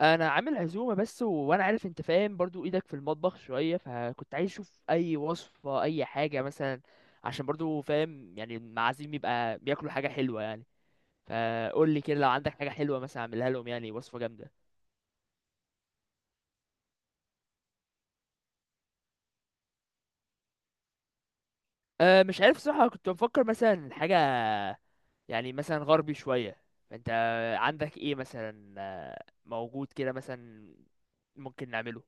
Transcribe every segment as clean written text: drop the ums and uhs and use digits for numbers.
انا عامل عزومه بس و... وانا عارف انت فاهم برضو، ايدك في المطبخ شويه، فكنت عايز اشوف اي وصفه، اي حاجه مثلا. عشان برضو فاهم يعني، المعازيم يبقى بياكلوا حاجه حلوه يعني. فقول لي كده، لو عندك حاجه حلوه مثلا اعملها لهم، يعني وصفه جامده. مش عارف صراحه، كنت بفكر مثلا حاجه، يعني مثلا غربي شويه، فانت عندك ايه مثلا، موجود كده مثلا، ممكن نعمله؟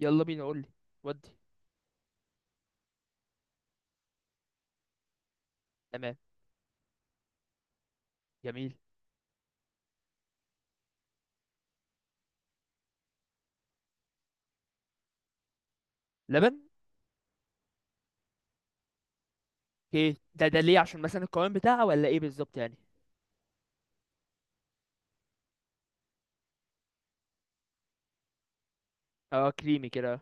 يلا بينا، قول لي. ودي. تمام. جميل. لبن. ايه ده ليه؟ عشان مثلا القوام بتاعها ولا ايه بالظبط يعني؟ اه، كريمي كده.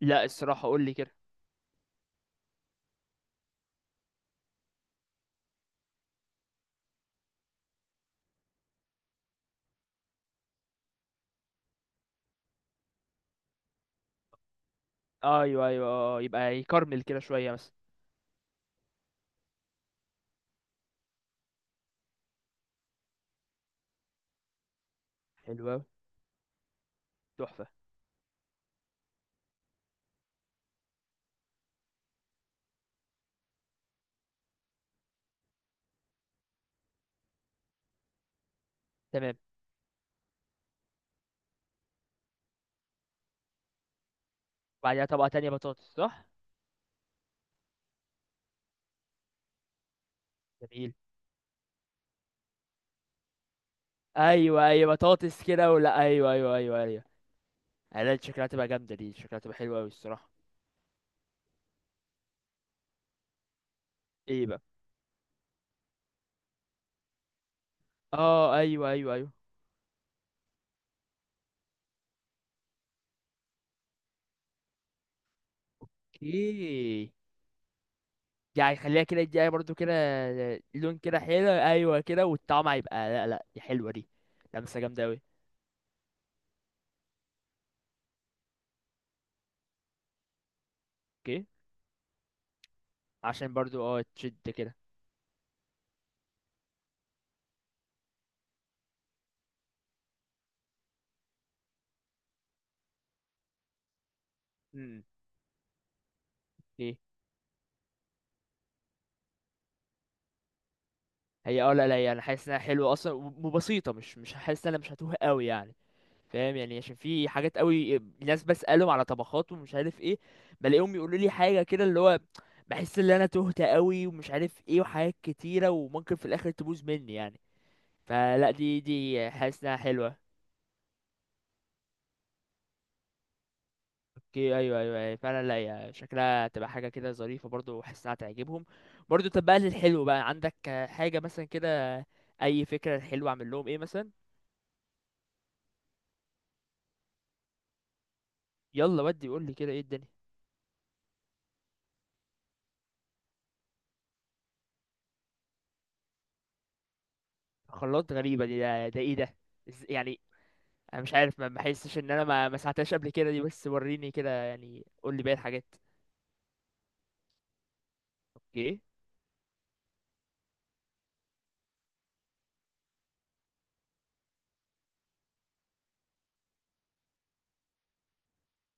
لا الصراحه، قول لي كده. ايوه ايوه يبقى يكرمل كده شويه مثلا. حلو أوي، تحفه. تمام. وبعديها طبقه تانية بطاطس، صح؟ جميل. ايوه ايوه بطاطس كده، ولا ايوه ايوه ايوه ايوه. انا شكلها تبقى جامده دي، شكلها تبقى حلوه قوي الصراحه. ايه بقى؟ اه ايوه ايوه ايوه. اوكي. يعني خليها كده، يديها برضو كده. لون كده حلو، ايوه كده، والطعم هيبقى، لا لا دي حلوه دي. لمسه جامده قوي. عشان برضو اه تشد كده. امم. ايه هي؟ اه لا لا، يعني حاسس انها حلوه اصلا و- وبسيطه، مش حاسس ان انا مش هتوه قوي يعني. فاهم يعني، عشان في حاجات قوي ناس بسالهم على طبخات ومش عارف ايه، بلاقيهم يقولوا لي حاجه كده اللي هو، بحس ان انا تهت قوي ومش عارف ايه وحاجات كتيره، وممكن في الاخر تبوظ مني يعني. فلا، دي حاسس انها حلوه. اوكي، ايوه ايوه أيوة، فعلا، لا هي شكلها تبقى حاجه كده ظريفه برضو، وحاسسها تعجبهم. برضو، طب بقى للحلو بقى، عندك حاجه مثلا كده؟ اي فكره حلوه اعمل لهم ايه مثلا؟ يلا ودي، قول لي كده ايه الدنيا. خلاط؟ غريبه دي. ده ايه ده؟ يعني، انا مش عارف، ما بحسش ان انا ما ساعدتهاش قبل كده دي، بس وريني كده يعني، قول لي باقي الحاجات. اوكي.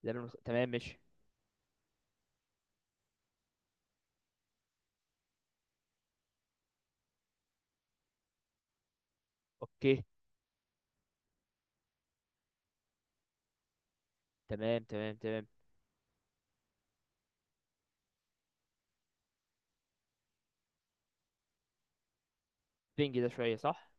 تمام ماشي. اوكي. تمام تمام تمام. بينج ده شويه صح.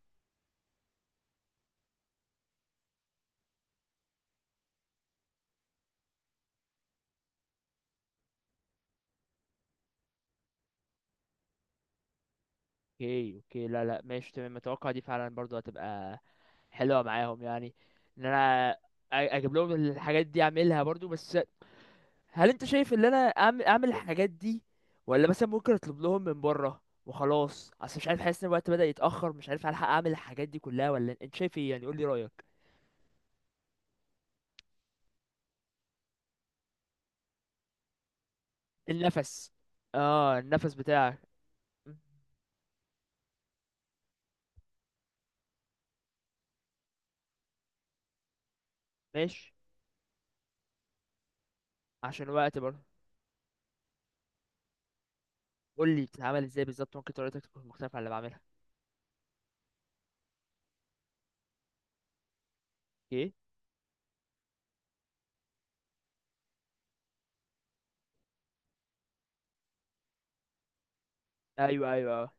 اوكي اوكي، لا لا ماشي تمام، اتوقع دي فعلا برضو هتبقى حلوه معاهم يعني. ان انا اجيب لهم الحاجات دي اعملها برضو، بس هل انت شايف ان انا اعمل الحاجات دي، ولا مثلا ممكن اطلب لهم من بره وخلاص؟ اصل مش عارف، حاسس ان الوقت بدأ يتأخر، مش عارف هلحق اعمل الحاجات دي كلها ولا، انت شايف ايه يعني، قول لي رأيك. النفس. اه، النفس بتاعك. م- ماشي. عشان الوقت برضه، قول لي بتتعمل ازاي بالظبط، ممكن طريقتك تكون مختلفة عن اللي بعملها. اوكي. ايوه ايوه أه.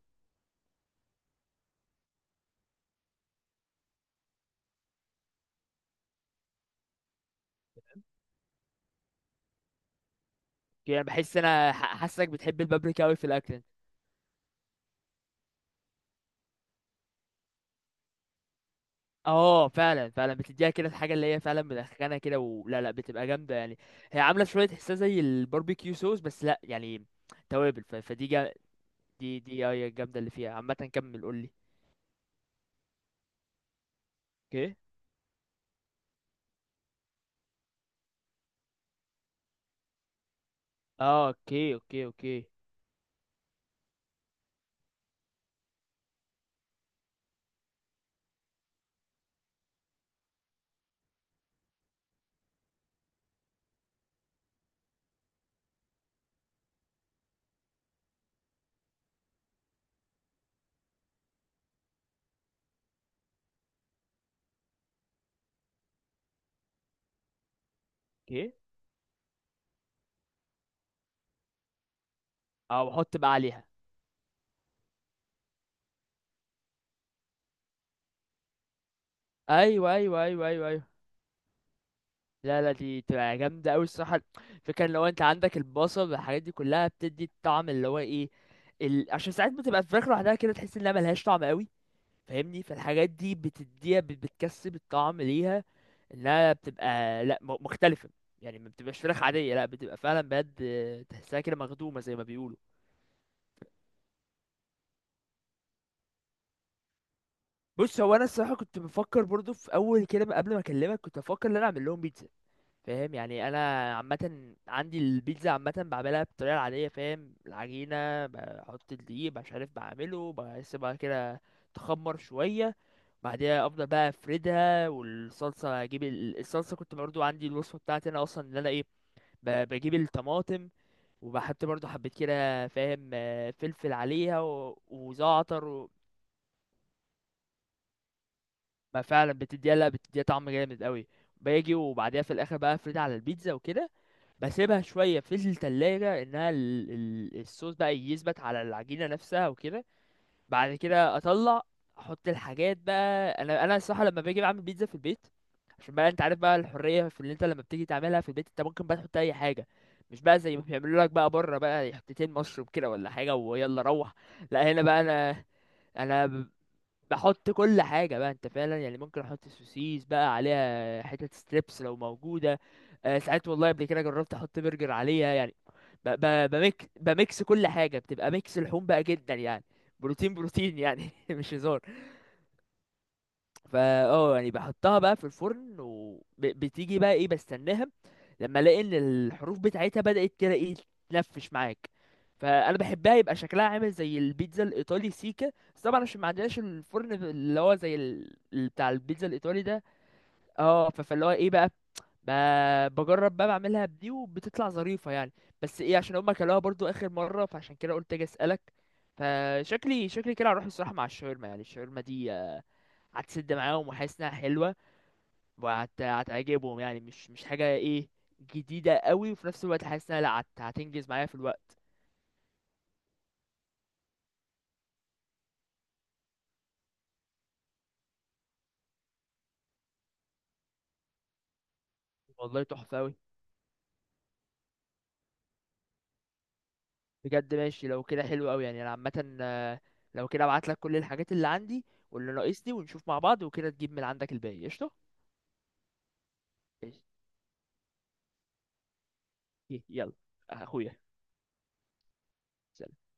يعني بحس انا حاسك بتحب البابريكا قوي في الاكل. اه فعلا فعلا، بتديها كده الحاجه اللي هي فعلا مدخنه كده، ولا لا بتبقى جامده يعني؟ هي عامله شويه تحسها زي الباربيكيو صوص، بس لا يعني توابل. دي هي الجامده اللي فيها عامه، كمل قول لي. اوكي. اه اوكي اوكي اوكي. اوكي. اه، واحط بقى عليها. ايوه ايوه ايوه ايوه، أيوة. لا لا، دي تبقى جامدة أوي الصراحة. فكرة! لو أنت عندك البصل والحاجات دي كلها، بتدي الطعم اللي هو إيه، عشان ساعات بتبقى الفراخ لوحدها كده تحس إنها ملهاش طعم أوي، فاهمني؟ فالحاجات دي بتديها، بتكسب الطعم ليها، إنها بتبقى لأ مختلفة. يعني ما بتبقاش فراخ عادية، لأ بتبقى فعلا بجد، تحسها كده مخدومة زي ما بيقولوا. بص، هو أنا الصراحة كنت بفكر برضو في أول كده قبل ما أكلمك، كنت بفكر إن أنا أعمل لهم بيتزا، فاهم يعني، انا عامه عندي البيتزا، عامه بعملها بالطريقه العاديه، فاهم؟ العجينه بحط الدقيق، مش عارف بعمله، بسيبها كده تخمر شويه، بعدها افضل بقى افردها، والصلصه اجيب الصلصه، كنت برضو عندي الوصفه بتاعتي انا اصلا، ان انا ايه، بجيب الطماطم، وبحط برضو حبيت كده فاهم، فلفل عليها و- وزعتر ما فعلا بتديها، لا بتديها طعم جامد قوي. باجي وبعدها في الاخر بقى افردها على البيتزا وكده، بسيبها شويه في التلاجة، انها الصوص بقى يثبت على العجينه نفسها وكده. بعد كده اطلع احط الحاجات، بقى انا الصراحه لما باجي بعمل بيتزا في البيت، عشان بقى انت عارف بقى الحريه في اللي انت لما بتيجي تعملها في البيت، انت ممكن بقى تحط اي حاجه، مش بقى زي ما بيعملوا لك بقى بره، بقى حتتين مشروب كده ولا حاجه ويلا روح. لا هنا بقى انا بحط كل حاجة، بقى انت فعلا يعني ممكن احط سوسيس بقى عليها، حتة ستريبس لو موجودة، آه ساعات والله قبل كده جربت احط برجر عليها يعني، ب ب بميك بميكس كل حاجة، بتبقى ميكس لحوم بقى جدا يعني، بروتين بروتين يعني، مش هزار. فا اه يعني بحطها بقى في الفرن، وبتيجي بقى ايه، بستناها لما الاقي ان الحروف بتاعتها بدأت كده ايه، تنفش معاك، فانا بحبها، يبقى شكلها عامل زي البيتزا الايطالي سيكا، بس طبعا عشان ما عندناش الفرن اللي هو زي بتاع البيتزا الايطالي ده. اه فاللي هو ايه بقى، بجرب بقى بعملها بدي، وبتطلع ظريفة يعني، بس ايه عشان هما كلوها برضو اخر مرة، فعشان كده قلت اجي اسألك. فشكلي كده هروح الصراحة مع الشاورما يعني، الشاورما دي هتسد معاهم، وحاسس انها حلوة، هتعجبهم يعني، مش حاجة ايه جديدة قوي، وفي نفس الوقت حاسس انها لا، هتنجز معايا في الوقت. والله تحفة قوي بجد، ماشي لو كده حلو قوي يعني، انا عامة، لو كده ابعت لك كل الحاجات اللي عندي واللي ناقصني، ونشوف مع بعض، وكده تجيب من عندك الباقي، قشطة. قشطة. يلا اخويا. سلام.